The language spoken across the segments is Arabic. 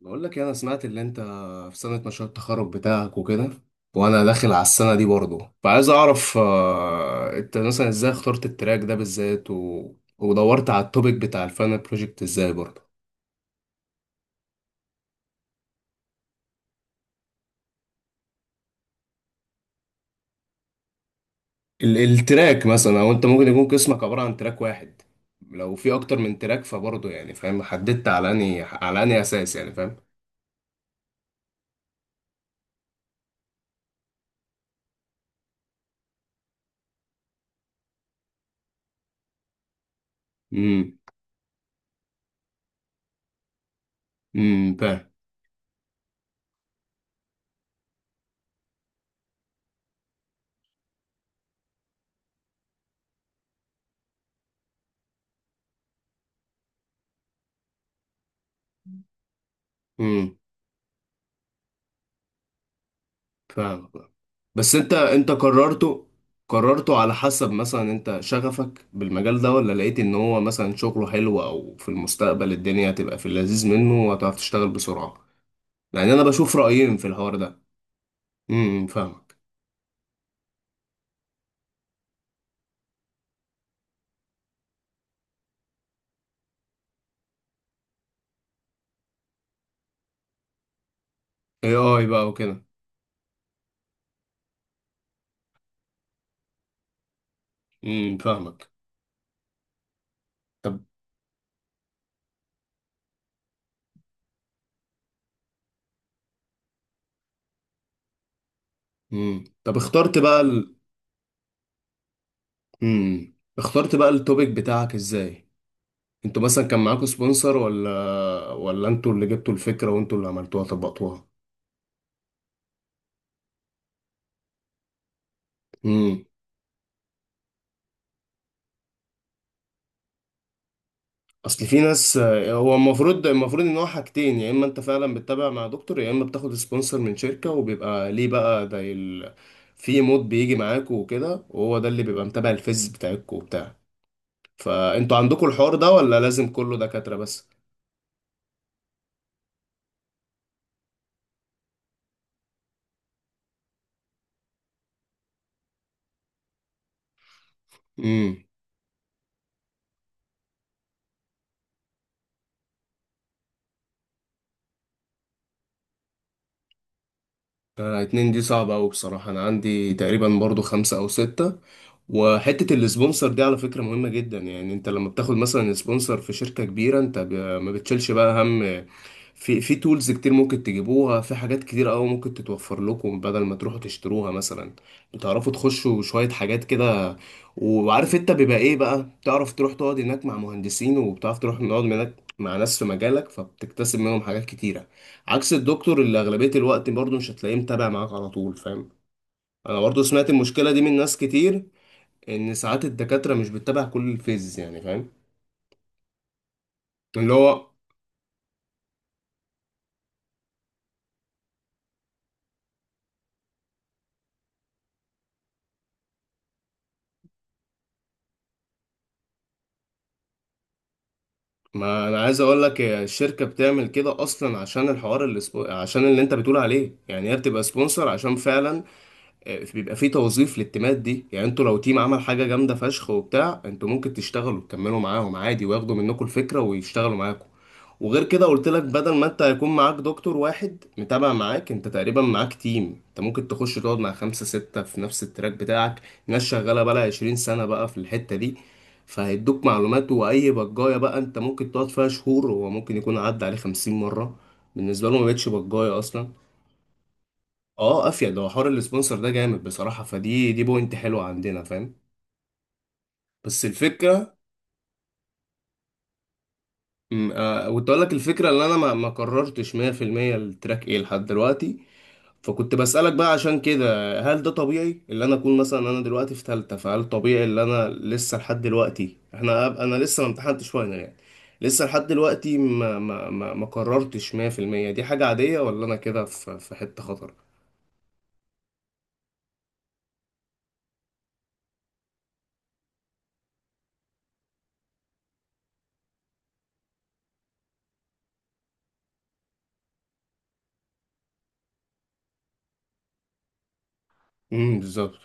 بقول لك إيه، انا سمعت اللي انت في سنة مشروع التخرج بتاعك وكده. وانا داخل على السنة دي برضه، فعايز اعرف، انت مثلا ازاي اخترت التراك ده بالذات، و ودورت على التوبيك بتاع الفاينل بروجكت ازاي برضه ال، التراك مثلا، او انت ممكن يكون قسمك عبارة عن تراك واحد. لو في اكتر من تراك فبرضه يعني، فاهم، حددت على اني اساس، يعني فاهم. امم امم. فاهم. امم فاهم، فاهم. بس انت قررته. قررته على حسب مثلا انت شغفك بالمجال ده، ولا لقيت ان هو مثلا شغله حلو، او في المستقبل الدنيا هتبقى في اللذيذ منه وهتعرف تشتغل بسرعة. يعني انا بشوف رأيين في الحوار ده. امم، فاهمك. اي، اي بقى وكده. امم، فاهمك. طب. امم، طب اخترت بقى ال، امم، اخترت بقى التوبيك بتاعك ازاي؟ انتوا مثلا كان معاكوا سبونسر، ولا انتوا اللي جبتوا الفكرة وانتوا اللي عملتوها طبقتوها؟ امم. اصل في ناس. هو المفروض ان هو حاجتين، يا اما انت فعلا بتتابع مع دكتور، يا اما بتاخد سبونسر من شركه، وبيبقى ليه بقى ده ال، في مود بيجي معاكوا وكده، وهو ده اللي بيبقى متابع الفيز بتاعكوا وبتاع. فانتوا عندكوا الحوار ده ولا لازم كله دكاتره بس؟ امم. اتنين دي صعبة أوي بصراحة. أنا عندي تقريبا برضو خمسة أو ستة. وحتة السبونسر دي على فكرة مهمة جدا. يعني أنت لما بتاخد مثلا سبونسر في شركة كبيرة، أنت ب- ما بتشيلش بقى هم. في تولز كتير ممكن تجيبوها، في حاجات كتير أوي ممكن تتوفر لكم بدل ما تروحوا تشتروها مثلا. بتعرفوا تخشوا شوية حاجات كده. وعارف أنت بيبقى إيه بقى، تعرف تروح تقعد هناك مع مهندسين، وبتعرف تروح تقعد هناك مع ناس في مجالك، فبتكتسب منهم حاجات كتيرة. عكس الدكتور اللي اغلبيه الوقت برضه مش هتلاقيه متابع معاك على طول، فاهم. انا برضه سمعت المشكله دي من ناس كتير، ان ساعات الدكاتره مش بتتابع كل الفيز، يعني فاهم. اللي هو، ما انا عايز اقول لك الشركه بتعمل كده اصلا عشان الحوار اللي عشان اللي انت بتقول عليه. يعني هي بتبقى سبونسر عشان فعلا، بيبقى في توظيف للتيمات دي. يعني انتوا لو تيم عمل حاجة جامدة فشخ وبتاع، انتوا ممكن تشتغلوا تكملوا معاهم عادي، وياخدوا منكم الفكرة ويشتغلوا معاكم. وغير كده قلت لك، بدل ما انت هيكون معاك دكتور واحد متابع معاك، انت تقريبا معاك تيم. انت ممكن تخش تقعد مع خمسة ستة في نفس التراك بتاعك. ناس شغالة بقى 20 سنة بقى في الحتة دي. فهيدوك معلومات. وأي بجاية بقى انت ممكن تقعد فيها شهور، هو ممكن يكون عدى عليه 50 مرة. بالنسبة له ما بقتش بجاية أصلا. اه، افيد. هو حوار السبونسر ده جامد بصراحه، فدي، دي بوينت حلوه عندنا، فاهم. بس الفكره، كنت اقول لك الفكره، اللي انا ما قررتش 100% التراك ايه لحد دلوقتي. فكنت بسالك بقى عشان كده. هل ده طبيعي اللي انا اكون مثلا انا دلوقتي في ثالثه، فهل طبيعي اللي انا لسه لحد دلوقتي، احنا أب- انا لسه ما امتحنتش فاينل يعني، لسه لحد دلوقتي ما قررتش 100%؟ دي حاجه عاديه ولا انا كده في حته خطر؟ امم، بالظبط.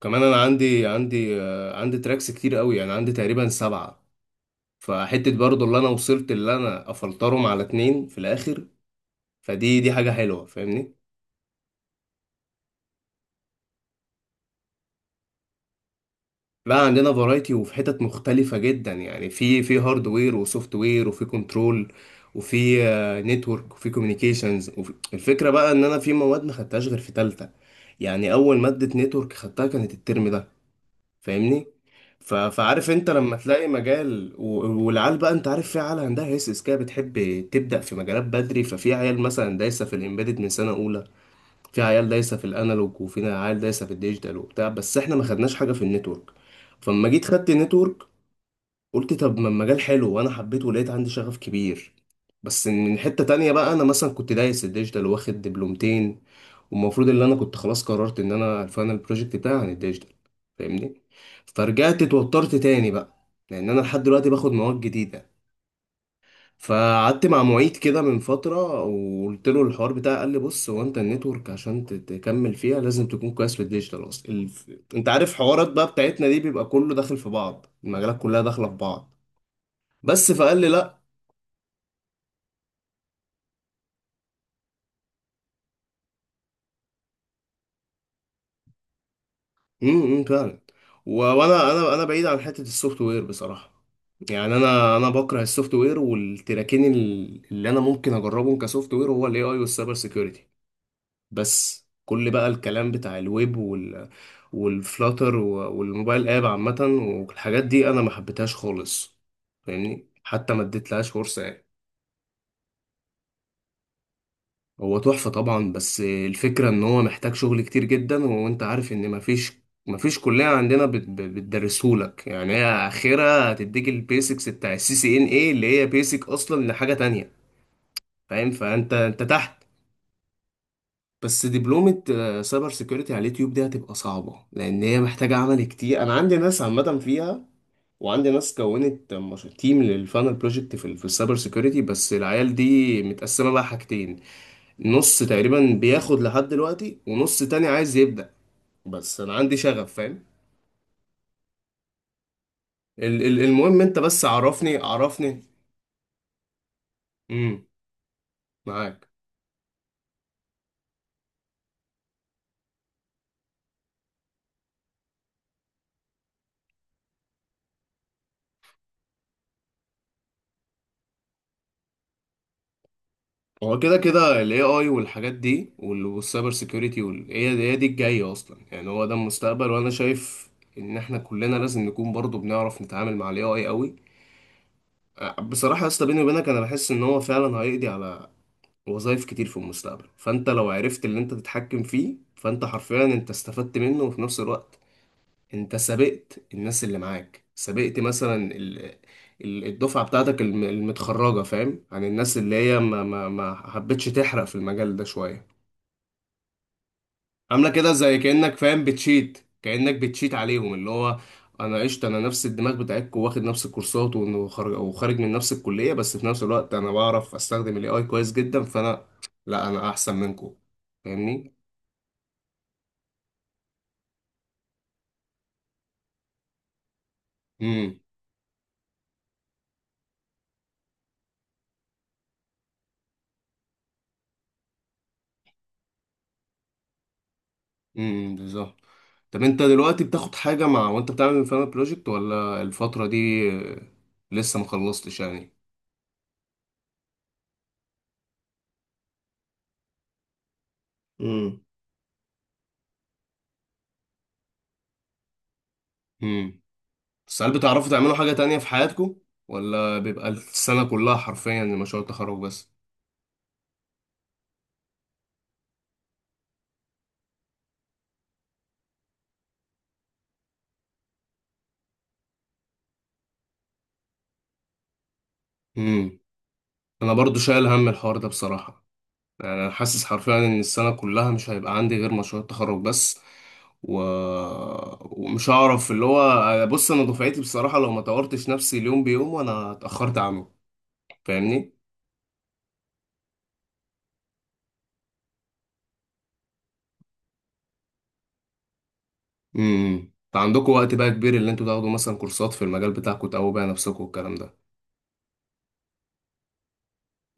كمان انا عندي تراكس كتير قوي. يعني عندي تقريبا سبعة. فحتة برضو اللي انا وصلت اللي انا افلترهم على اتنين في الاخر، فدي حاجة حلوة، فاهمني. لا، عندنا فرايتي وفي حتت مختلفة جدا. يعني في هاردوير وسوفت وير، وفي كنترول، وفي نتورك، وفي كوميونيكيشنز، وفي، الفكرة بقى ان انا في مواد ما خدتهاش غير في تالتة. يعني اول مادة نتورك خدتها كانت الترم ده، فاهمني. ف، فعارف انت لما تلاقي مجال و، والعيال بقى، انت عارف في عيال عندها هيسس كده بتحب تبدأ في مجالات بدري. ففي عيال مثلا دايسة في الامبيدد من سنة اولى. في عيال دايسة في الانالوج، وفي عيال دايسة في الديجيتال وبتاع. بس احنا ما خدناش حاجة في النتورك. فلما جيت خدت النتورك، قلت طب ما المجال حلو وانا حبيته ولقيت عندي شغف كبير. بس من حتة تانية بقى، انا مثلا كنت دايس الديجيتال واخد دبلومتين، والمفروض ان انا كنت خلاص قررت ان انا الفاينل بروجكت بتاعي عن الديجيتال، فاهمني. فرجعت اتوترت تاني بقى لان انا لحد دلوقتي باخد مواد جديدة. فقعدت مع معيد كده من فترة، وقلت له الحوار بتاعي، قال لي بص، هو انت النتورك عشان ت- تكمل فيها لازم تكون كويس في الديجيتال اصلا. انت عارف حوارات بقى بتاعتنا دي بيبقى كله داخل في بعض، المجالات كلها داخلة في بعض. بس فقال لي لا. إمم، فعلا. وانا انا انا بعيد عن حته السوفت وير بصراحه. يعني انا بكره السوفت وير. والتراكين اللي انا ممكن اجربهم كسوفت وير هو الاي اي والسايبر سيكيورتي. بس كل بقى الكلام بتاع الويب وال، والفلاتر، والموبايل اب عامه، والحاجات دي انا ما حبيتهاش خالص، فاهمني. حتى ما اديتلهاش فرصه يعني. هو تحفة طبعا، بس الفكرة ان هو محتاج شغل كتير جدا. وانت عارف ان مفيش كلية عندنا بتدرسهولك. يعني هي اخرها هتديك البيسكس بتاع السي سي ان اي اللي هي بيسك اصلا لحاجة تانية، فاهم. فانت تحت. بس دبلومة، سايبر سيكيورتي على اليوتيوب دي هتبقى صعبة لان هي محتاجة عمل كتير. انا عندي ناس عامة فيها. وعندي ناس كونت تيم للفانل بروجكت في في السايبر سيكيورتي. بس العيال دي متقسمة بقى حاجتين، نص تقريبا بياخد لحد دلوقتي، ونص تاني عايز يبدأ. بس انا عندي شغف، فاهم. ال المهم انت بس عرفني، عرفني. امم، معاك. هو كده كده ال AI والحاجات دي والسايبر سيكيورتي هي هي دي الجاية اصلا. يعني هو ده المستقبل، وانا شايف ان احنا كلنا لازم نكون برضو بنعرف نتعامل مع ال AI قوي. بصراحة يا اسطى بيني وبينك، انا بحس ان هو فعلا هيقضي على وظائف كتير في المستقبل. فانت لو عرفت اللي انت تتحكم فيه، فانت حرفيا انت استفدت منه، وفي نفس الوقت انت سبقت الناس اللي معاك. سبقت مثلا الدفعة بتاعتك المتخرجة، فاهم، عن الناس اللي هي ما حبتش تحرق في المجال ده شوية. عاملة كده زي كأنك فاهم بتشيت، كأنك بتشيت عليهم. اللي هو انا قشطة، انا نفس الدماغ بتاعتكم، واخد نفس الكورسات، وخارج، وخارج من نفس الكلية. بس في نفس الوقت انا بعرف استخدم الاي اي كويس جدا. فانا لا، انا احسن منكم، فاهمني. امم. امم، بالظبط. طب انت دلوقتي بتاخد حاجة مع وانت بتعمل الفاينل بروجكت، ولا الفترة دي لسه ما خلصتش يعني؟ امم امم. بس هل بتعرفوا تعملوا حاجة تانية في حياتكم، ولا بيبقى السنة كلها حرفيا مشروع التخرج بس؟ امم. انا برضو شايل هم الحوار ده بصراحة. يعني انا حاسس حرفيا ان السنة كلها مش هيبقى عندي غير مشروع التخرج بس، و، ومش هعرف اللي هو. بص، انا دفعتي بصراحة لو ما طورتش نفسي اليوم بيوم وانا اتأخرت عنه، فاهمني. امم، عندكم وقت بقى كبير اللي انتوا تاخدوا مثلا كورسات في المجال بتاعكم، تقووا بقى نفسكم والكلام ده.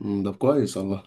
امم، ده كويس والله.